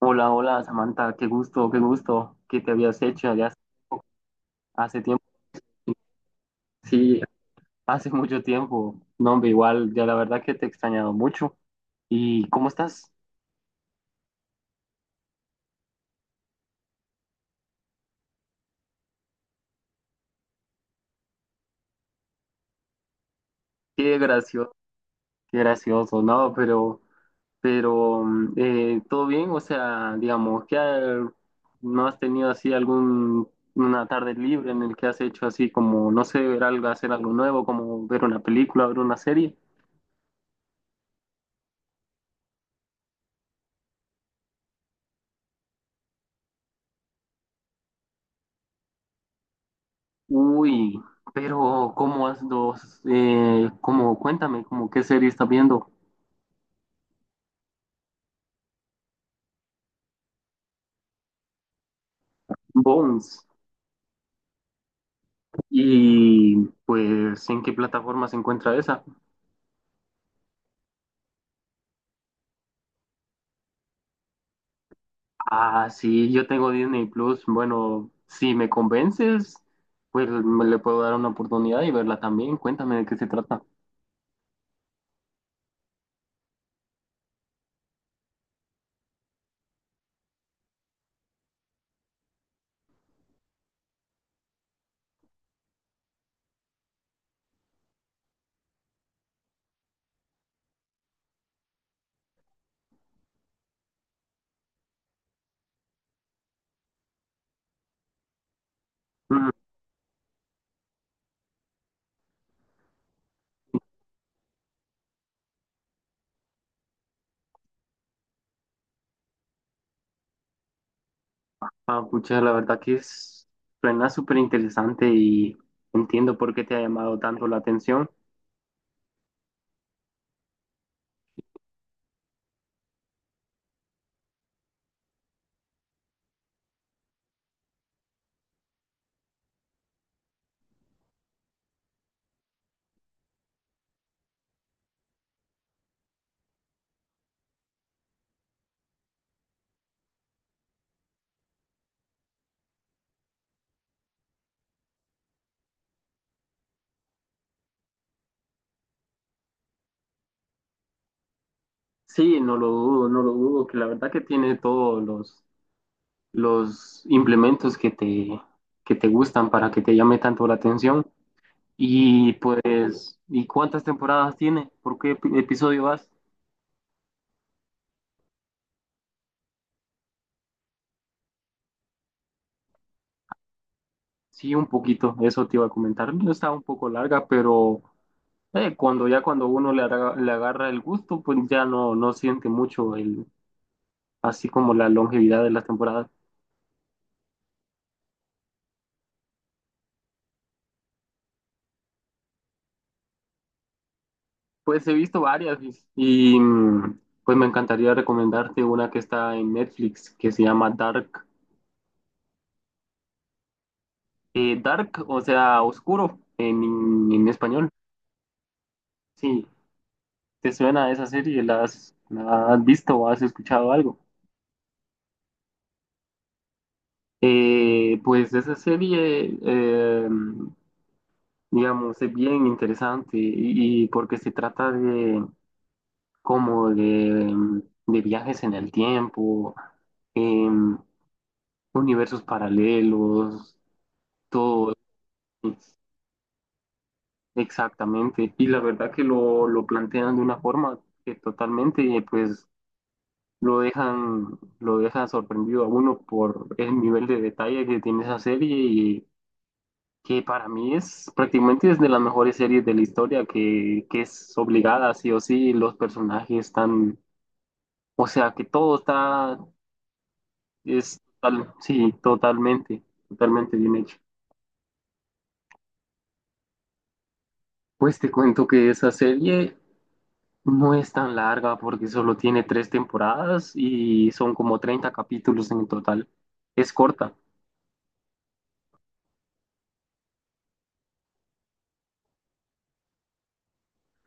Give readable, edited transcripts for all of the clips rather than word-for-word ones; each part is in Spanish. Hola, hola Samantha, qué gusto que te habías hecho ya hace tiempo. Sí, hace mucho tiempo. No, hombre, igual, ya la verdad que te he extrañado mucho. ¿Y cómo estás? Qué gracioso, qué gracioso, ¿no? Pero, ¿todo bien? O sea, digamos, ¿no has tenido así algún, una tarde libre en el que has hecho así como, no sé, ver algo, hacer algo nuevo, como ver una película, ver una serie? Uy, pero ¿cómo has dos? Como cuéntame, ¿como qué serie estás viendo? Bones. Y pues, ¿en qué plataforma se encuentra esa? Ah, sí, yo tengo Disney Plus. Bueno, si me convences, pues me le puedo dar una oportunidad y verla también. Cuéntame de qué se trata. Mm. Ah, pucha, la verdad que es, suena súper interesante y entiendo por qué te ha llamado tanto la atención. Sí, no lo dudo, no lo dudo, que la verdad que tiene todos los implementos que te gustan para que te llame tanto la atención. Y pues, ¿y cuántas temporadas tiene? ¿Por qué episodio vas? Sí, un poquito, eso te iba a comentar. No está un poco larga, pero cuando ya cuando uno le, le agarra el gusto, pues ya no siente mucho el, así como la longevidad de las temporadas. Pues he visto varias Luis, pues me encantaría recomendarte una que está en Netflix que se llama Dark. Dark, o sea, oscuro en español. Sí, ¿te suena esa serie? ¿La has visto o has escuchado algo? Pues esa serie, digamos, es bien interesante y porque se trata de como de viajes en el tiempo, em, universos paralelos, todo exactamente. Y la verdad que lo plantean de una forma que totalmente, pues lo dejan sorprendido a uno por el nivel de detalle que tiene esa serie y que para mí es prácticamente es de las mejores series de la historia que es obligada sí o sí, los personajes están, o sea que todo está, sí, totalmente, totalmente bien hecho. Pues te cuento que esa serie no es tan larga porque solo tiene tres temporadas y son como 30 capítulos en total. Es corta.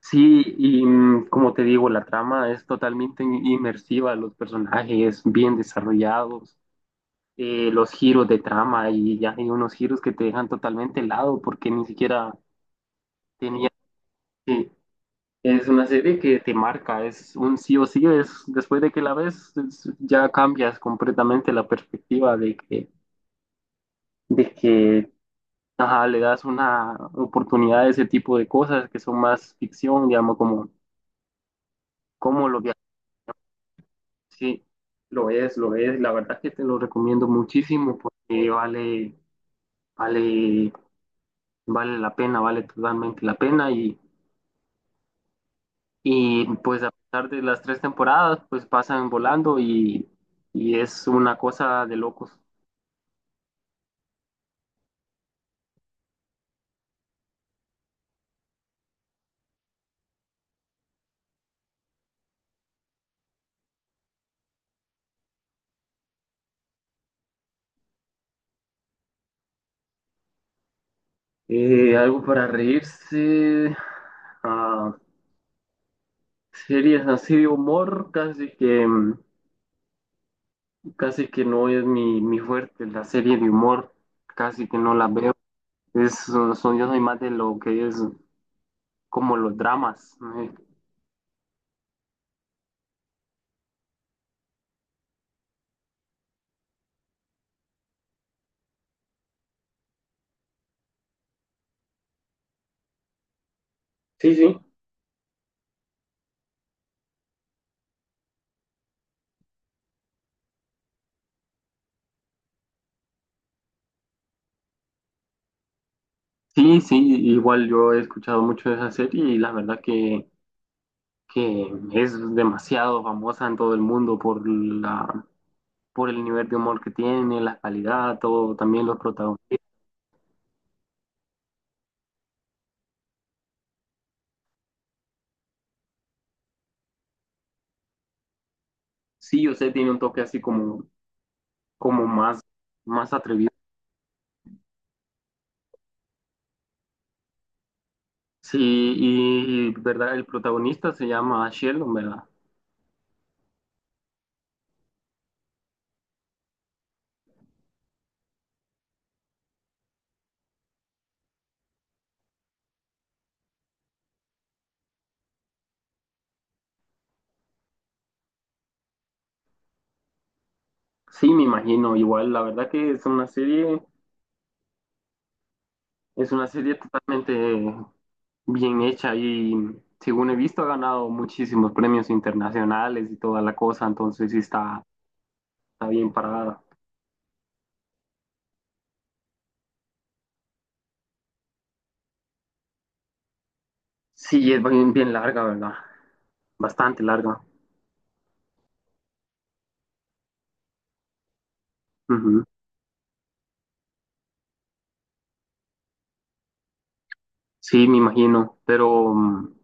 Sí, y mm, como te digo, la trama es totalmente inmersiva, los personajes bien desarrollados, los giros de trama y ya hay unos giros que te dejan totalmente helado porque ni siquiera tenía que... Es una serie que te marca, es un sí o sí, es, después de que la ves ya cambias completamente la perspectiva de que ajá, le das una oportunidad a ese tipo de cosas que son más ficción, digamos, como, como lo sí, lo es, lo es. La verdad que te lo recomiendo muchísimo porque vale, vale la pena, vale totalmente la pena. Y pues a pesar de las tres temporadas, pues pasan volando y es una cosa de locos. Algo para reírse. Ah, series así de humor, casi que no es mi fuerte. La serie de humor, casi que no la veo. Es, son, yo soy más de lo que es, como los dramas. ¿No? Sí, sí. Sí, sí, igual yo he escuchado mucho de esa serie y la verdad que es demasiado famosa en todo el mundo por por el nivel de humor que tiene, la calidad, todo, también los protagonistas. Sí, yo sé, tiene un toque así como, como más, más atrevido. Sí, y verdad, el protagonista se llama Sheldon, ¿verdad? Sí, me imagino, igual, la verdad que es una serie, es una serie totalmente bien hecha y según he visto ha ganado muchísimos premios internacionales y toda la cosa, entonces sí está, está bien parada. Sí, es bien, bien larga, ¿verdad? Bastante larga. Ujú. Sí, me imagino, pero, mm,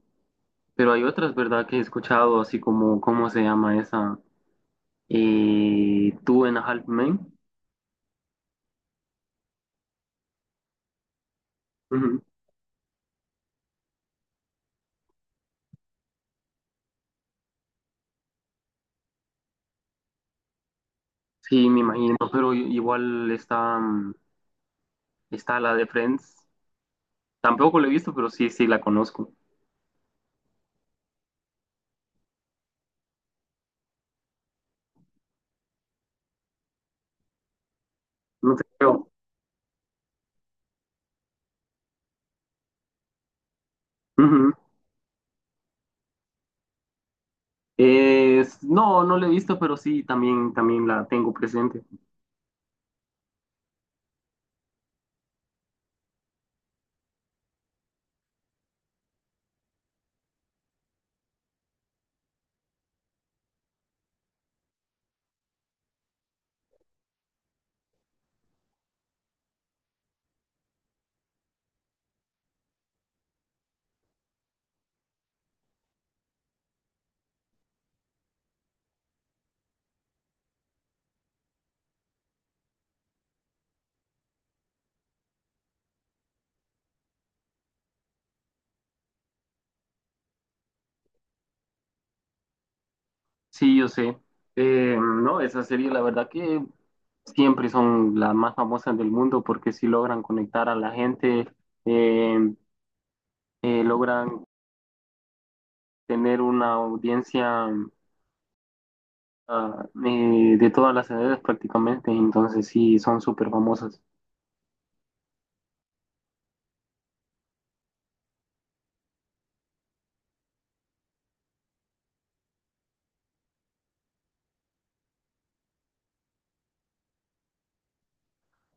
pero hay otras, ¿verdad? Que he escuchado, así como, ¿cómo se llama esa? Two and a Half Men. Ujú. Sí, me imagino, pero igual está, mm, está la de Friends. Tampoco la he visto, pero sí, sí la conozco. No te creo. Ujú. No, no la he visto, pero sí, también, también la tengo presente. Sí, yo sé. No, esa serie, la verdad que siempre son las más famosas del mundo porque sí logran conectar a la gente, eh, logran tener una audiencia de todas las edades prácticamente, entonces sí, son súper famosas.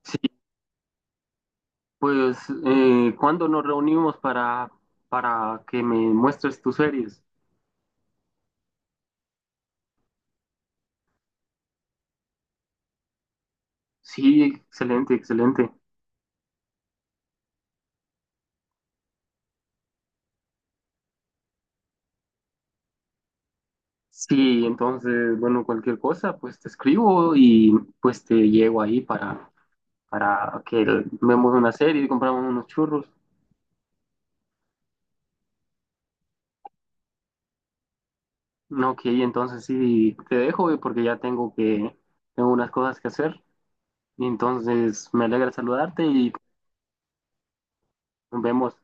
Sí, pues, ¿cuándo nos reunimos para que me muestres tus series? Sí, excelente, excelente. Sí, entonces, bueno, cualquier cosa, pues te escribo y pues te llego ahí para que vemos una serie y compramos unos churros. No, ok, entonces sí, te dejo porque ya tengo tengo unas cosas que hacer. Entonces, me alegra saludarte y nos vemos.